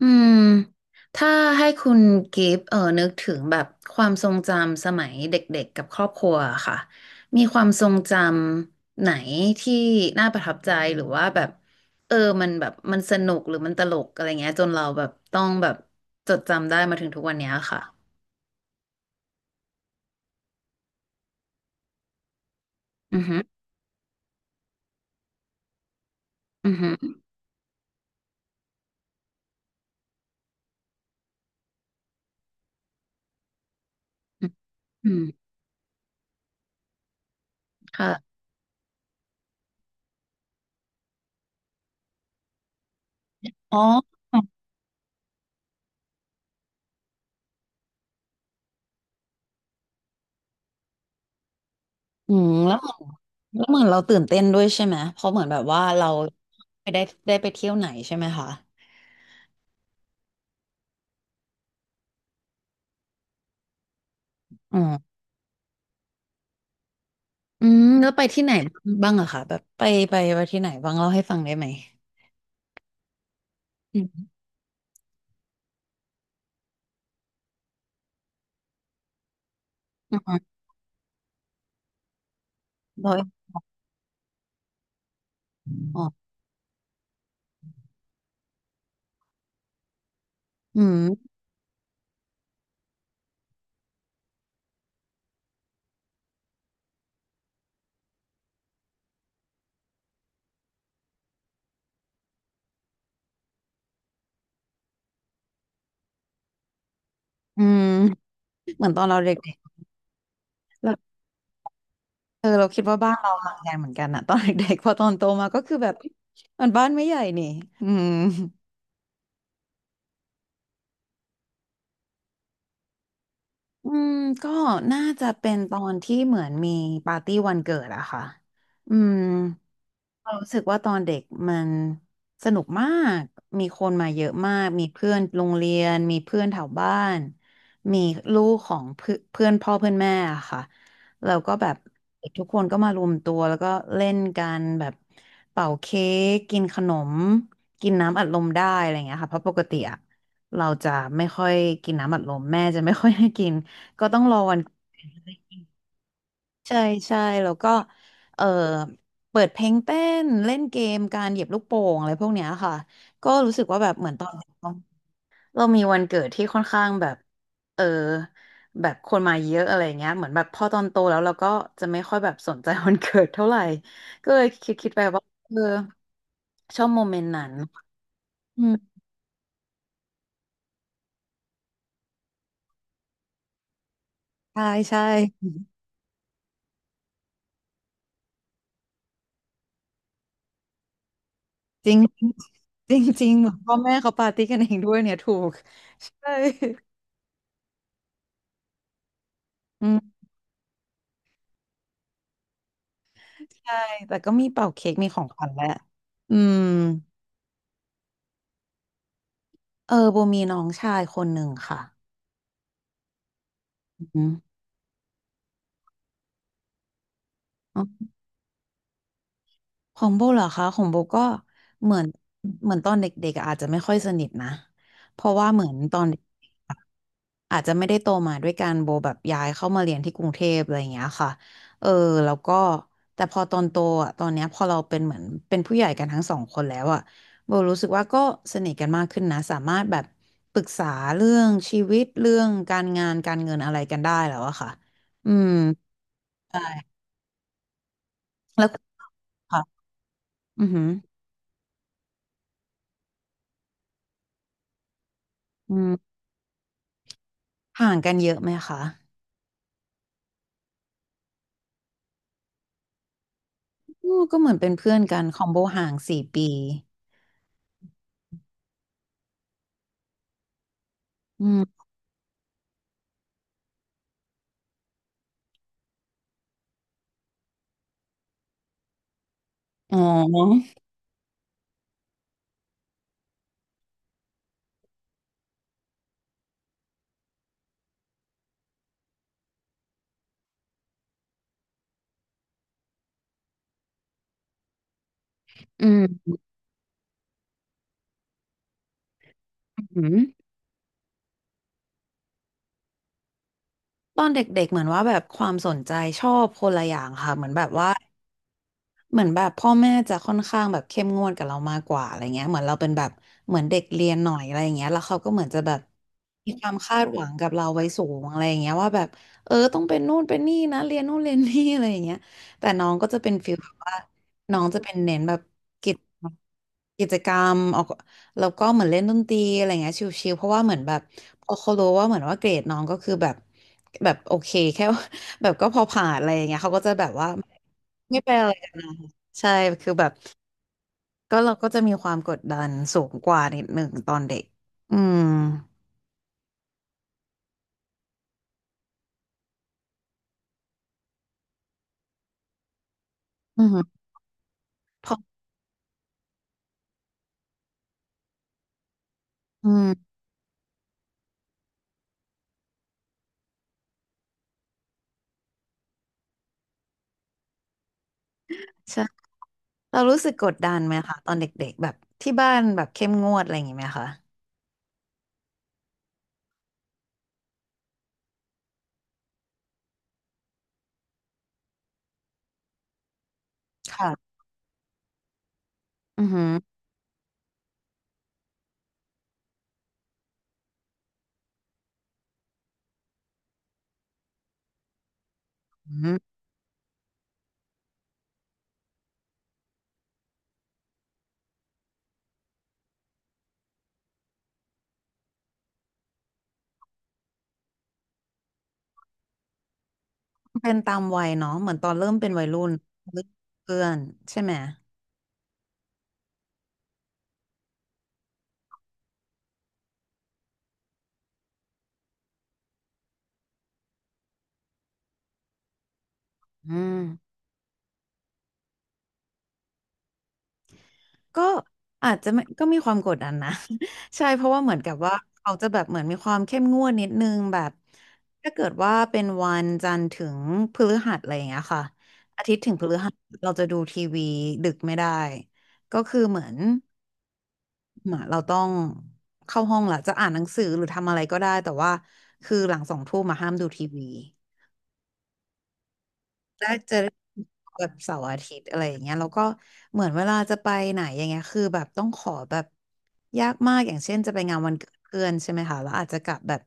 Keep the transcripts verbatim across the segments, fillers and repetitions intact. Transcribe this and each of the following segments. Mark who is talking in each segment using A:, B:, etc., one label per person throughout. A: อืมถ้าให้คุณกิฟต์เออนึกถึงแบบความทรงจำสมัยเด็กๆกับครอบครัวอะค่ะมีความทรงจำไหนที่น่าประทับใจหรือว่าแบบเออมันแบบมันสนุกหรือมันตลกอะไรเงี้ยจนเราแบบต้องแบบจดจำได้มาถึงทุกวันเนี้ยค่ะอือฮึอือฮึอืมค่ะอ๋ออืมแล้วแล้วเหมือนเราตื่นเต้นด้วยใช่ไหมเพราะเหมือนแบบว่าเราไปได้ได้ไปเที่ยวไหนใช่ไหมคะอ๋อ อืมแล้วไปที่ไหนบ้างอะคะแบบไปไปไปที่ไหนบ้างเล่าให้ฟังได้ไหมอืมอืมเราอ๋ออืมอืมเหมือนตอนเราเด็กๆเราเออเราคิดว่าบ้านเราห่างกันเหมือนกันอะ ตอนเด็กๆพอตอนโตมาก็คือแบบมันบ้านไม่ใหญ่นี่อืมอืมก็น่าจะเป็นตอนที่เหมือนมีปาร์ตี้วันเกิดอะค่ะอืม เรารู้สึกว่าตอนเด็กมันสนุกมากมีคนมาเยอะมากมีเพื่อนโรงเรียนมีเพื่อนแถวบ้านมีลูกของเพื่อนเพื่อนพ่อเพื่อนแม่อะค่ะแล้วก็แบบเด็กทุกคนก็มารวมตัวแล้วก็เล่นกันแบบเป่าเค้กกินขนมกินน้ำอัดลมได้อะไรอย่างเงี้ยค่ะเพราะปกติอะเราจะไม่ค่อยกินน้ำอัดลมแม่จะไม่ค่อยให้กินก็ต้องรอวัน ใช่ใช่แล้วก็เออเปิดเพลงเต้นเล่นเกมการเหยียบลูกโป่งอะไรพวกเนี้ยค่ะเรามีวันเกิดที่ค่อนข้างแบบเออแบบคนมาเยอะอะไรเงี้ยเหมือนแบบพอตอนโตแล้วเราก็จะไม่ค่อยแบบสนใจวันเกิดเท่าไหร่ก็เลยคิดคิดไปว่าเออชอบโมเมนต์นั้นอืมใช่ใช่จริงจริงจริงเหมือนพ่อแม่เขาปาร์ตี้กันเองด้วยเนี่ยถูกใช่อืม ใช่ แต่ก็มีเป่าเค้กมีของขวัญแหละอืมเออโบมีน้องชายคนหนึ่งค่ะอืมอ๋อของโบเหรอคะ ของโบก็เหมือนเหมือนตอนเด็กๆอะอาจจะไม่ค่อยสนิทนะ เพราะว่าเหมือนตอน อาจจะไม่ได้โตมาด้วยกันโบแบบย้ายเข้ามาเรียนที่กรุงเทพอะไรอย่างเงี้ยค่ะเออแล้วก็แต่พอตอนโตอ่ะตอนเนี้ยพอเราเป็นเหมือนเป็นผู้ใหญ่กันทั้งสองคนแล้วอ่ะโบรู้สึกว่าก็สนิทกันมากขึ้นนะสามารถแบบปรึกษาเรื่องชีวิตเรื่องการงานการเงินอะไรกันได้แล้วอะค่ะอืมใช่แล้วค่ะอือหืออืมห่างกันเยอะไหมคะอืมก็เหมือนเป็นเพื่อนกันคอมโบห่างสี่ปีอืมอ๋ออืมอืม ตอนเด็กๆ เหมือนว่าแบบความสนใจชอบคนละอย่างค่ะเหมือนแบบว่า เหมือนแบบพ่อแม่จะค่อนข้างแบบเข้มงวดกับเรามากกว่าอะไรเงี้ยเหมือนเราเป็นแบบเหมือนเด็กเรียนหน่อยอะไรเงี้ยแล้วเขาก็เหมือนจะแบบมีความคาดหวังกับเราไว้สูงอะไรเงี้ยว่าแบบเออต้องเป็นนู่นเป็นนี่นะเรียนนู่นเรียนนี่อะไรเงี้ยแต่น้องก็จะเป็นฟีลแบบว่าน้องจะเป็นเน้นแบบกิจกิจกรรมออกแล้วก็เหมือนเล่นดนตรีอะไรเงี้ยชิลๆเพราะว่าเหมือนแบบพอเขารู้ว่าเหมือนว่าเกรดน้องก็คือแบบแบบโอเคแค่ แบบก็พอผ่านอะไรอย่างเงี้ยเขาก็จะแบบว่า ไม่เป็นอะไรกันนะคะใช่คือแบบก็เราก็จะมีความกดดันสูงกว่านิดหนึ่งตอนเด็กอืมอืมเพราะอืมใช่เรารู้สึกกดดันไหมคะตอนเด็กๆแบบที่บ้านแบบเข้มงวดอะไรอย่างงี้ไหมคะค่ะอือหืออืมเป็นตามวัยเนาะเหมือนตอนเริ่มเป็นวัยรุ่นเริ่มเพื่อนใช่ไหมอืม ก็อาจจะไม่ก็มีความกดดันนะ ใช่เพราะว่าเหมือนกับว่าเขาจะแบบเหมือนมีความเข้มงวดนิดนึงแบบถ้าเกิดว่าเป็นวันจันทร์ถึงพฤหัสอะไรอย่างเงี้ยค่ะอาทิตย์ถึงพฤหัสเราจะดูทีวีดึกไม่ได้ก็คือเหมือนเหมือนเราต้องเข้าห้องละจะอ่านหนังสือหรือทำอะไรก็ได้แต่ว่าคือหลังสองทุ่มมาห้ามดูทีวี แรกเจอแบบเสาร์อาทิตย์อะไรอย่างเงี้ยแล้วก็เหมือนเวลาจะไปไหนอย่างเงี้ยคือแบบต้องขอแบบยากมากอย่างเช่นจะไปงานวันเกิดเพื่อนใช่ไหมคะแล้วอาจจะกลับแบบ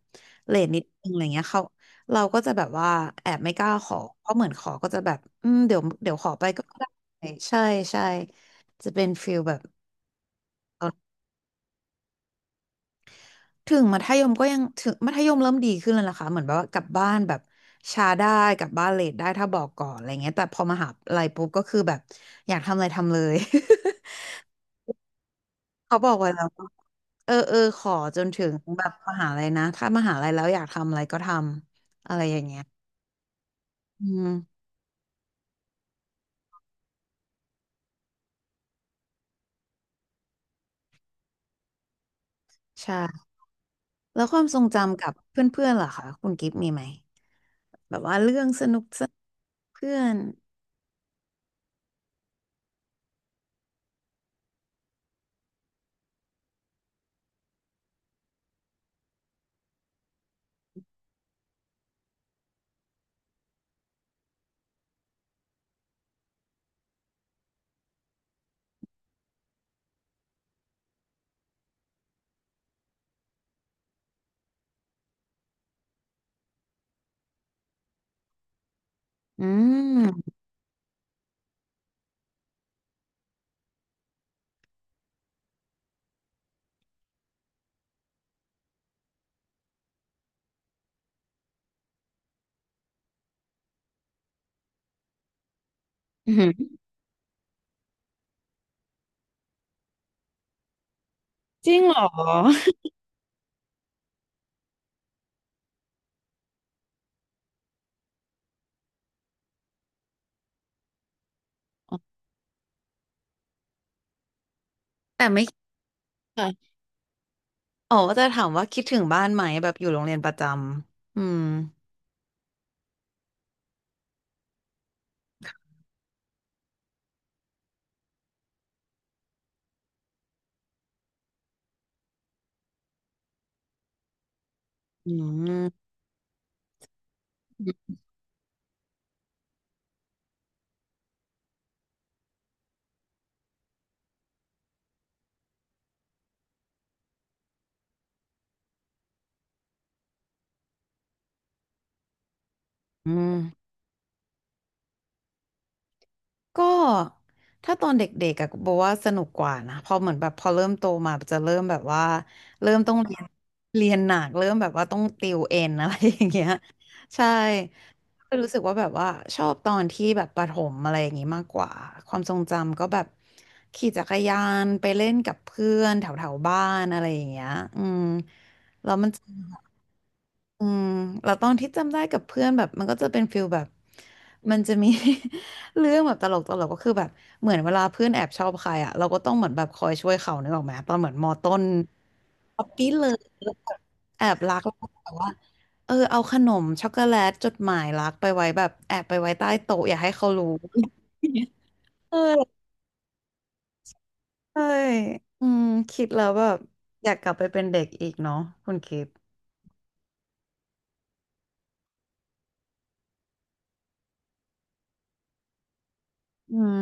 A: เลทนิดนึงอะไรเงี้ยเขาเราก็จะแบบว่าแอบไม่กล้าขอเพราะเหมือนขอก็จะแบบอืมเดี๋ยวเดี๋ยวขอไปก็ได้ใช่ใช่จะเป็นฟิลแบบเออ ถึงมัธยมก็ยังถึงมัธยมเริ่มดีขึ้นแล้วนะคะเหมือนแบบว่ากลับบ้านแบบช้าได้กลับบ้านเลทได้ถ้าบอกก่อนอะไรเงี้ยแต่พอมหาลัยปุ๊บก็คือแบบอยากทำอะไรทำเลย เขาบอกไว้แล้วว่าเออเออขอจนถึงแบบมหาลัยนะถ้ามหาลัยแล้วอยากทำอะไรก็ทำอะไรอย่างเงี้ยอืมใช่แล้วความทรงจำกับเพื่อนๆล่ะคะคุณกิฟต์มีไหมแบบว่าเรื่องสนุกสนกเพื่อนอืม อือหือแต่ไม่คดค่ะ อ๋อจะถามว่าคิดถึงบ้านไหมแบบอยู่โรงเรียนประจำอืมอืมอืมก็ถ้าตอนเด็กๆอะบอกว่าสนุกกว่านะพอเหมือนแบบพอเริ่มโตมาจะเริ่มแบบว่าเริ่มต้องเรียนเรียนหนักเริ่มแบบว่าต้องติวเอ็นอะไรอย่างเงี้ยใช่ก็รู้สึกว่าแบบว่าชอบตอนที่แบบประถมอะไรอย่างงี้มากกว่าความทรงจำก็แบบขี่จักรยานไปเล่นกับเพื่อนแถวๆบ้านอะไรอย่างเงี้ยอืมแล้วมันจะ อืมเราตอนที่จำได้กับเพื่อนแบบมันก็จะเป็นฟิลแบบมันจะมี เรื่องแบบตลกตลกก็คือแบบเหมือนเวลาเพื่อนแอบชอบใครอ่ะเราก็ต้องเหมือนแบบคอยช่วยเขานึกออกไหมตอนเหมือนมอต้นป๊อปปี้เลิฟแอบรักแล้วก็แบบว่าเออเอาขนมช็อกโกแลตจดหมายรักไปไว้แบบแอบไปไว้ใต้โต๊ะอย่าให้เขารู้ เออใช่อืมคิดแล้วแบบอยากกลับไปเป็นเด็กอีกเนาะคุณคิดอืม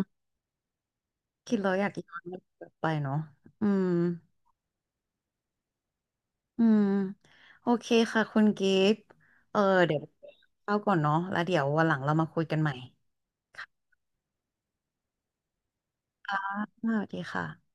A: คิดแล้วอยากย้อนกลับไปเนาะอืม อืมโอเคค่ะคุณกิฟต์เออเดี๋ยวเข้าก่อนเนาะแล้วเดี๋ยววันหลังเรามาคุยกันใหม่อ่าสวัสดีค่ะ